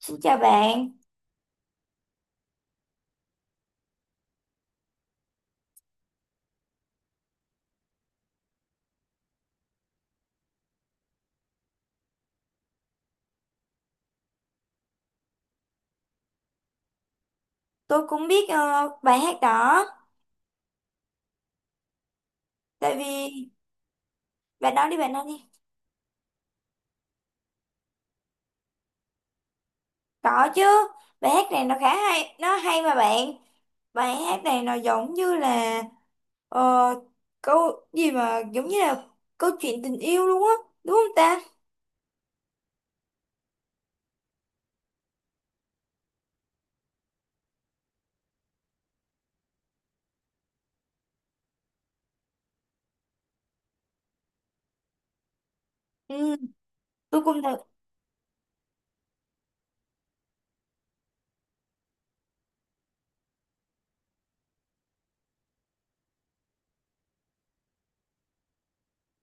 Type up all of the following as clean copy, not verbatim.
Xin chào bạn, tôi cũng biết bài hát đó, tại vì bạn nói đi bạn nói đi. Có chứ, bài hát này nó khá hay, nó hay mà bạn. Bài hát này nó giống như là ờ, câu gì mà giống như là câu chuyện tình yêu luôn á, đúng không ta? Ừ, tôi cũng thật.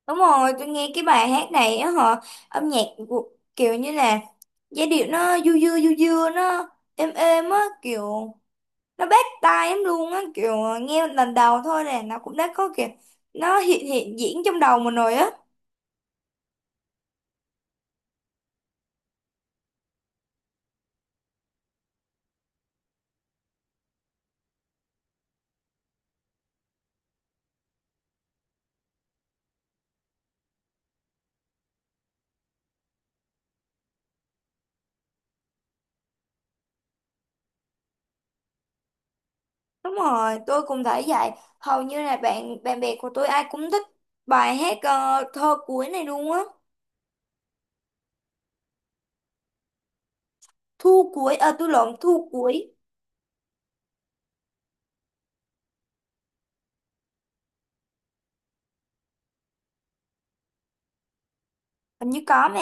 Đúng rồi, tôi nghe cái bài hát này á họ âm nhạc của, kiểu như là giai điệu nó du dưa nó êm êm á kiểu nó bắt tai em luôn á kiểu nghe lần đầu thôi là nó cũng đã có kiểu nó hiện hiện diễn trong đầu mình rồi á. Đúng rồi, tôi cũng thấy vậy. Hầu như là bạn bạn bè của tôi ai cũng thích bài hát thơ cuối này luôn á. Thu cuối, tôi lộn, thu cuối. Hình như có mà.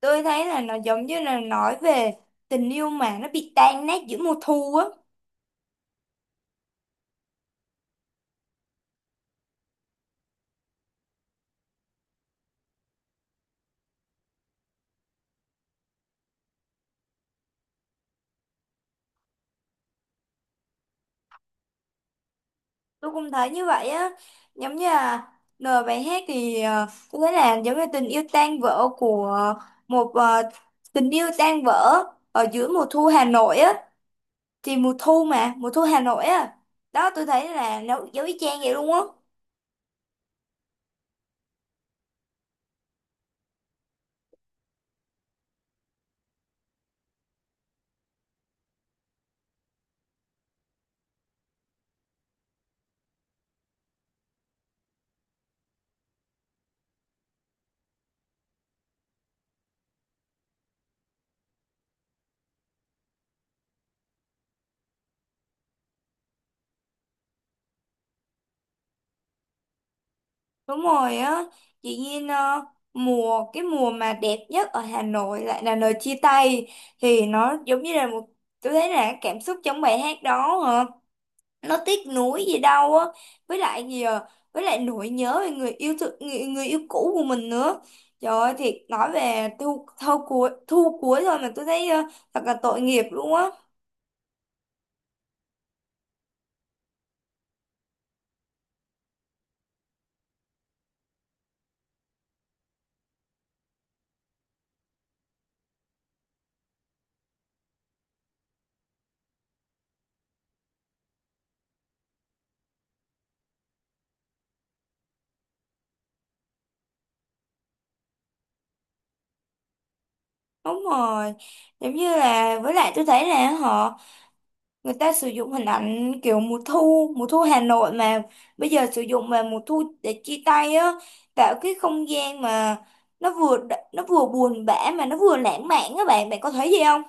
Tôi thấy là nó giống như là nói về tình yêu mà nó bị tan nát giữa mùa thu á. Tôi cũng thấy như vậy á, giống như là lời bài hát thì tôi thấy là giống như tình yêu tan vỡ của một tình yêu tan vỡ ở giữa mùa thu Hà Nội á, thì mùa thu mà mùa thu Hà Nội á, đó tôi thấy là nó giống y chang vậy luôn á. Đúng rồi á chị Nhiên, mùa cái mùa mà đẹp nhất ở Hà Nội lại là lời chia tay, thì nó giống như là một, tôi thấy là cảm xúc trong bài hát đó nó tiếc nuối gì đâu á. Với lại gì à? Với lại nỗi nhớ về người yêu thương, người, người yêu cũ của mình nữa. Trời ơi thiệt, nói về thu thu cuối thôi mà tôi thấy thật là tội nghiệp luôn á. Đúng rồi, giống như là với lại tôi thấy là họ người ta sử dụng hình ảnh kiểu mùa thu Hà Nội mà bây giờ sử dụng về mùa thu để chia tay á, tạo cái không gian mà nó vừa nó vừa buồn bã mà nó vừa lãng mạn, các bạn bạn có thấy gì không?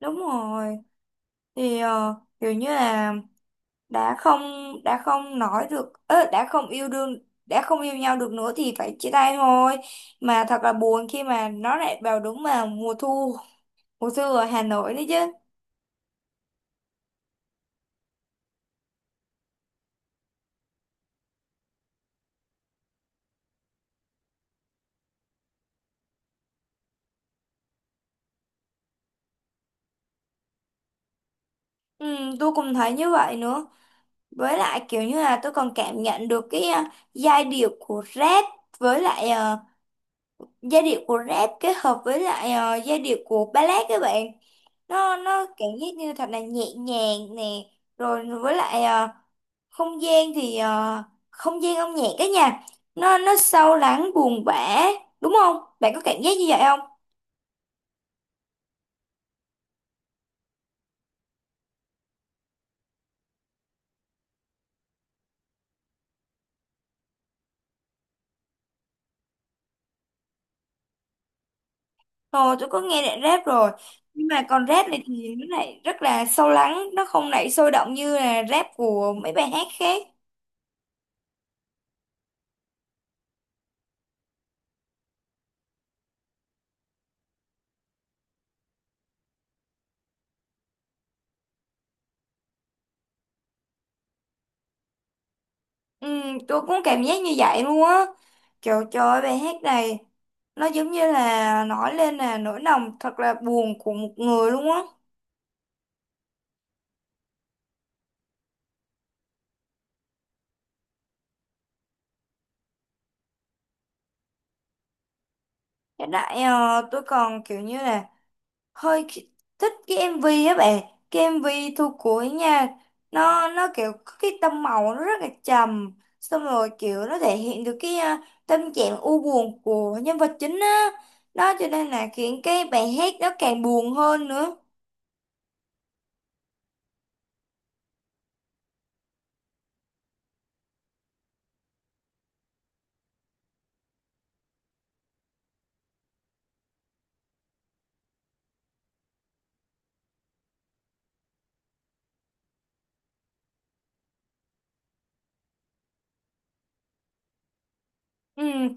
Đúng rồi, thì kiểu như là đã không đã không nói được ớ, đã không yêu đương đã không yêu nhau được nữa thì phải chia tay thôi, mà thật là buồn khi mà nó lại vào đúng vào mùa thu, mùa thu ở Hà Nội đấy chứ. Ừ, tôi cũng thấy như vậy nữa, với lại kiểu như là tôi còn cảm nhận được cái giai điệu của rap với lại giai điệu của rap kết hợp với lại giai điệu của ballad các bạn, nó cảm giác như thật là nhẹ nhàng nè. Rồi với lại không gian thì không gian âm nhạc cái nhà nó sâu lắng buồn bã, đúng không, bạn có cảm giác như vậy không? Ờ, tôi có nghe rap rap rồi, nhưng mà còn rap này thì nó lại rất là sâu lắng, nó không lại sôi động như là rap của mấy bài hát khác. Ừ, tôi cũng cảm giác như vậy luôn á. Trời trời ơi, bài hát này nó giống như là nói lên là nỗi lòng thật là buồn của một người luôn á. Hiện tại tôi còn kiểu như là hơi ki- thích cái MV á bạn, cái MV Thu Cuối nha, nó kiểu có cái tông màu nó rất là trầm, xong rồi kiểu nó thể hiện được cái tâm trạng u buồn của nhân vật chính á, đó cho nên là khiến cái bài hát nó càng buồn hơn nữa. Ừ,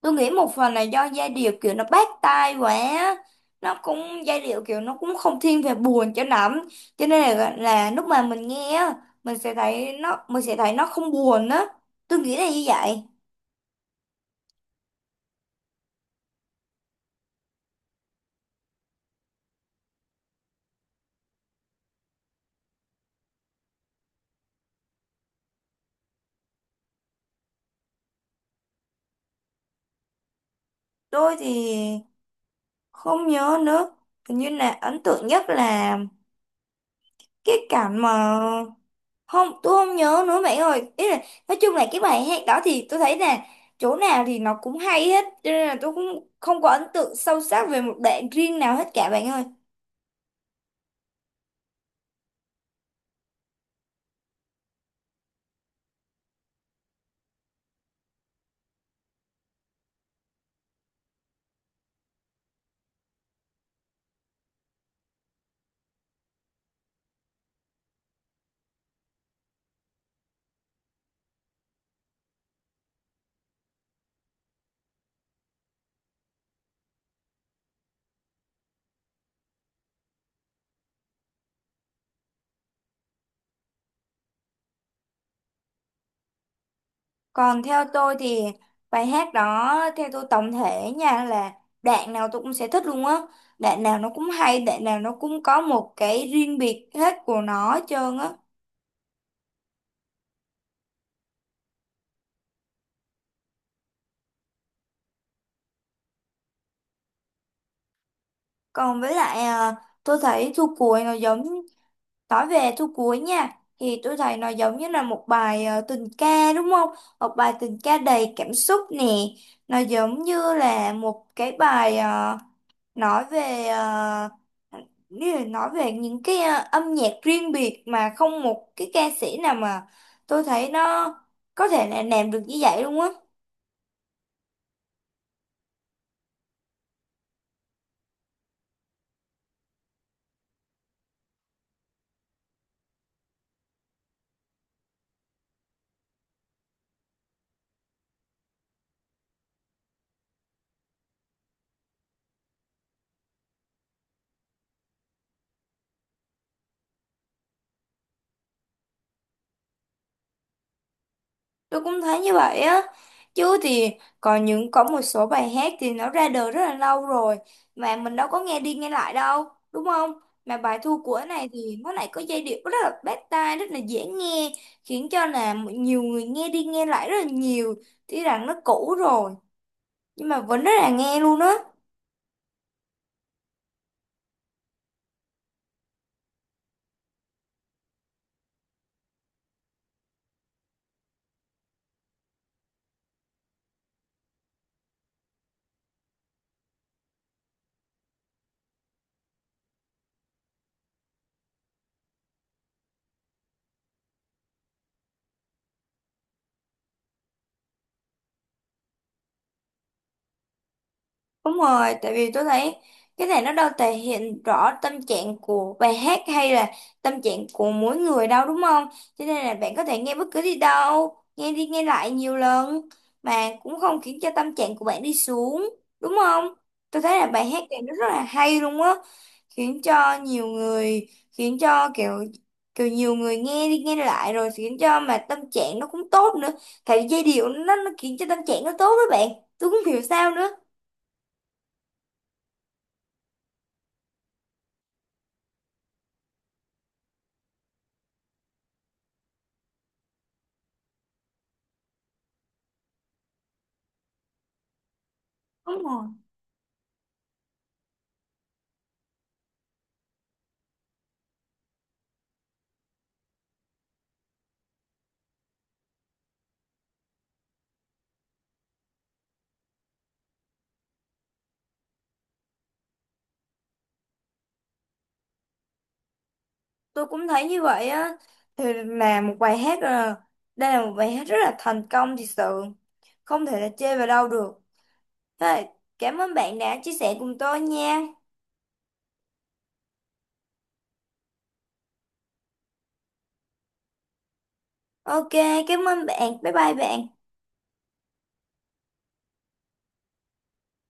tôi nghĩ một phần là do giai điệu kiểu nó bắt tai quá á. Nó cũng giai điệu kiểu nó cũng không thiên về buồn cho lắm, cho nên là lúc mà mình nghe á mình sẽ thấy nó mình sẽ thấy nó không buồn á, tôi nghĩ là như vậy. Tôi thì không nhớ nữa. Hình như là ấn tượng nhất là cái cảnh mà không, tôi không nhớ nữa bạn ơi. Ý là nói chung là cái bài hát đó thì tôi thấy là chỗ nào thì nó cũng hay hết, cho nên là tôi cũng không có ấn tượng sâu sắc về một đoạn riêng nào hết cả bạn ơi. Còn theo tôi thì bài hát đó theo tôi tổng thể nha là đoạn nào tôi cũng sẽ thích luôn á. Đoạn nào nó cũng hay, đoạn nào nó cũng có một cái riêng biệt hết của nó hết trơn á. Còn với lại tôi thấy thu cuối nó giống, nói về thu cuối nha thì tôi thấy nó giống như là một bài tình ca đúng không? Một bài tình ca đầy cảm xúc nè. Nó giống như là một cái bài nói về như là nói về những cái âm nhạc riêng biệt mà không một cái ca sĩ nào mà tôi thấy nó có thể là làm được như vậy luôn á. Tôi cũng thấy như vậy á. Chứ thì còn những có một số bài hát thì nó ra đời rất là lâu rồi mà mình đâu có nghe đi nghe lại đâu, đúng không? Mà bài Thu Của này thì nó lại có giai điệu rất là bắt tai, rất là dễ nghe, khiến cho là nhiều người nghe đi nghe lại rất là nhiều, tuy rằng nó cũ rồi nhưng mà vẫn rất là nghe luôn á. Đúng rồi, tại vì tôi thấy cái này nó đâu thể hiện rõ tâm trạng của bài hát hay là tâm trạng của mỗi người đâu đúng không? Cho nên là bạn có thể nghe bất cứ đi đâu, nghe đi nghe lại nhiều lần mà cũng không khiến cho tâm trạng của bạn đi xuống, đúng không? Tôi thấy là bài hát này nó rất là hay luôn á, khiến cho nhiều người, khiến cho kiểu kiểu nhiều người nghe đi nghe lại rồi khiến cho mà tâm trạng nó cũng tốt nữa. Tại vì giai điệu nó khiến cho tâm trạng nó tốt đó bạn. Tôi cũng không hiểu sao nữa. Đúng rồi. Tôi cũng thấy như vậy á, thì là một bài hát là đây là một bài hát rất là thành công thật sự, không thể là chê vào đâu được. Thế là cảm ơn bạn đã chia sẻ cùng tôi nha. OK, cảm ơn bạn, bye bye bạn.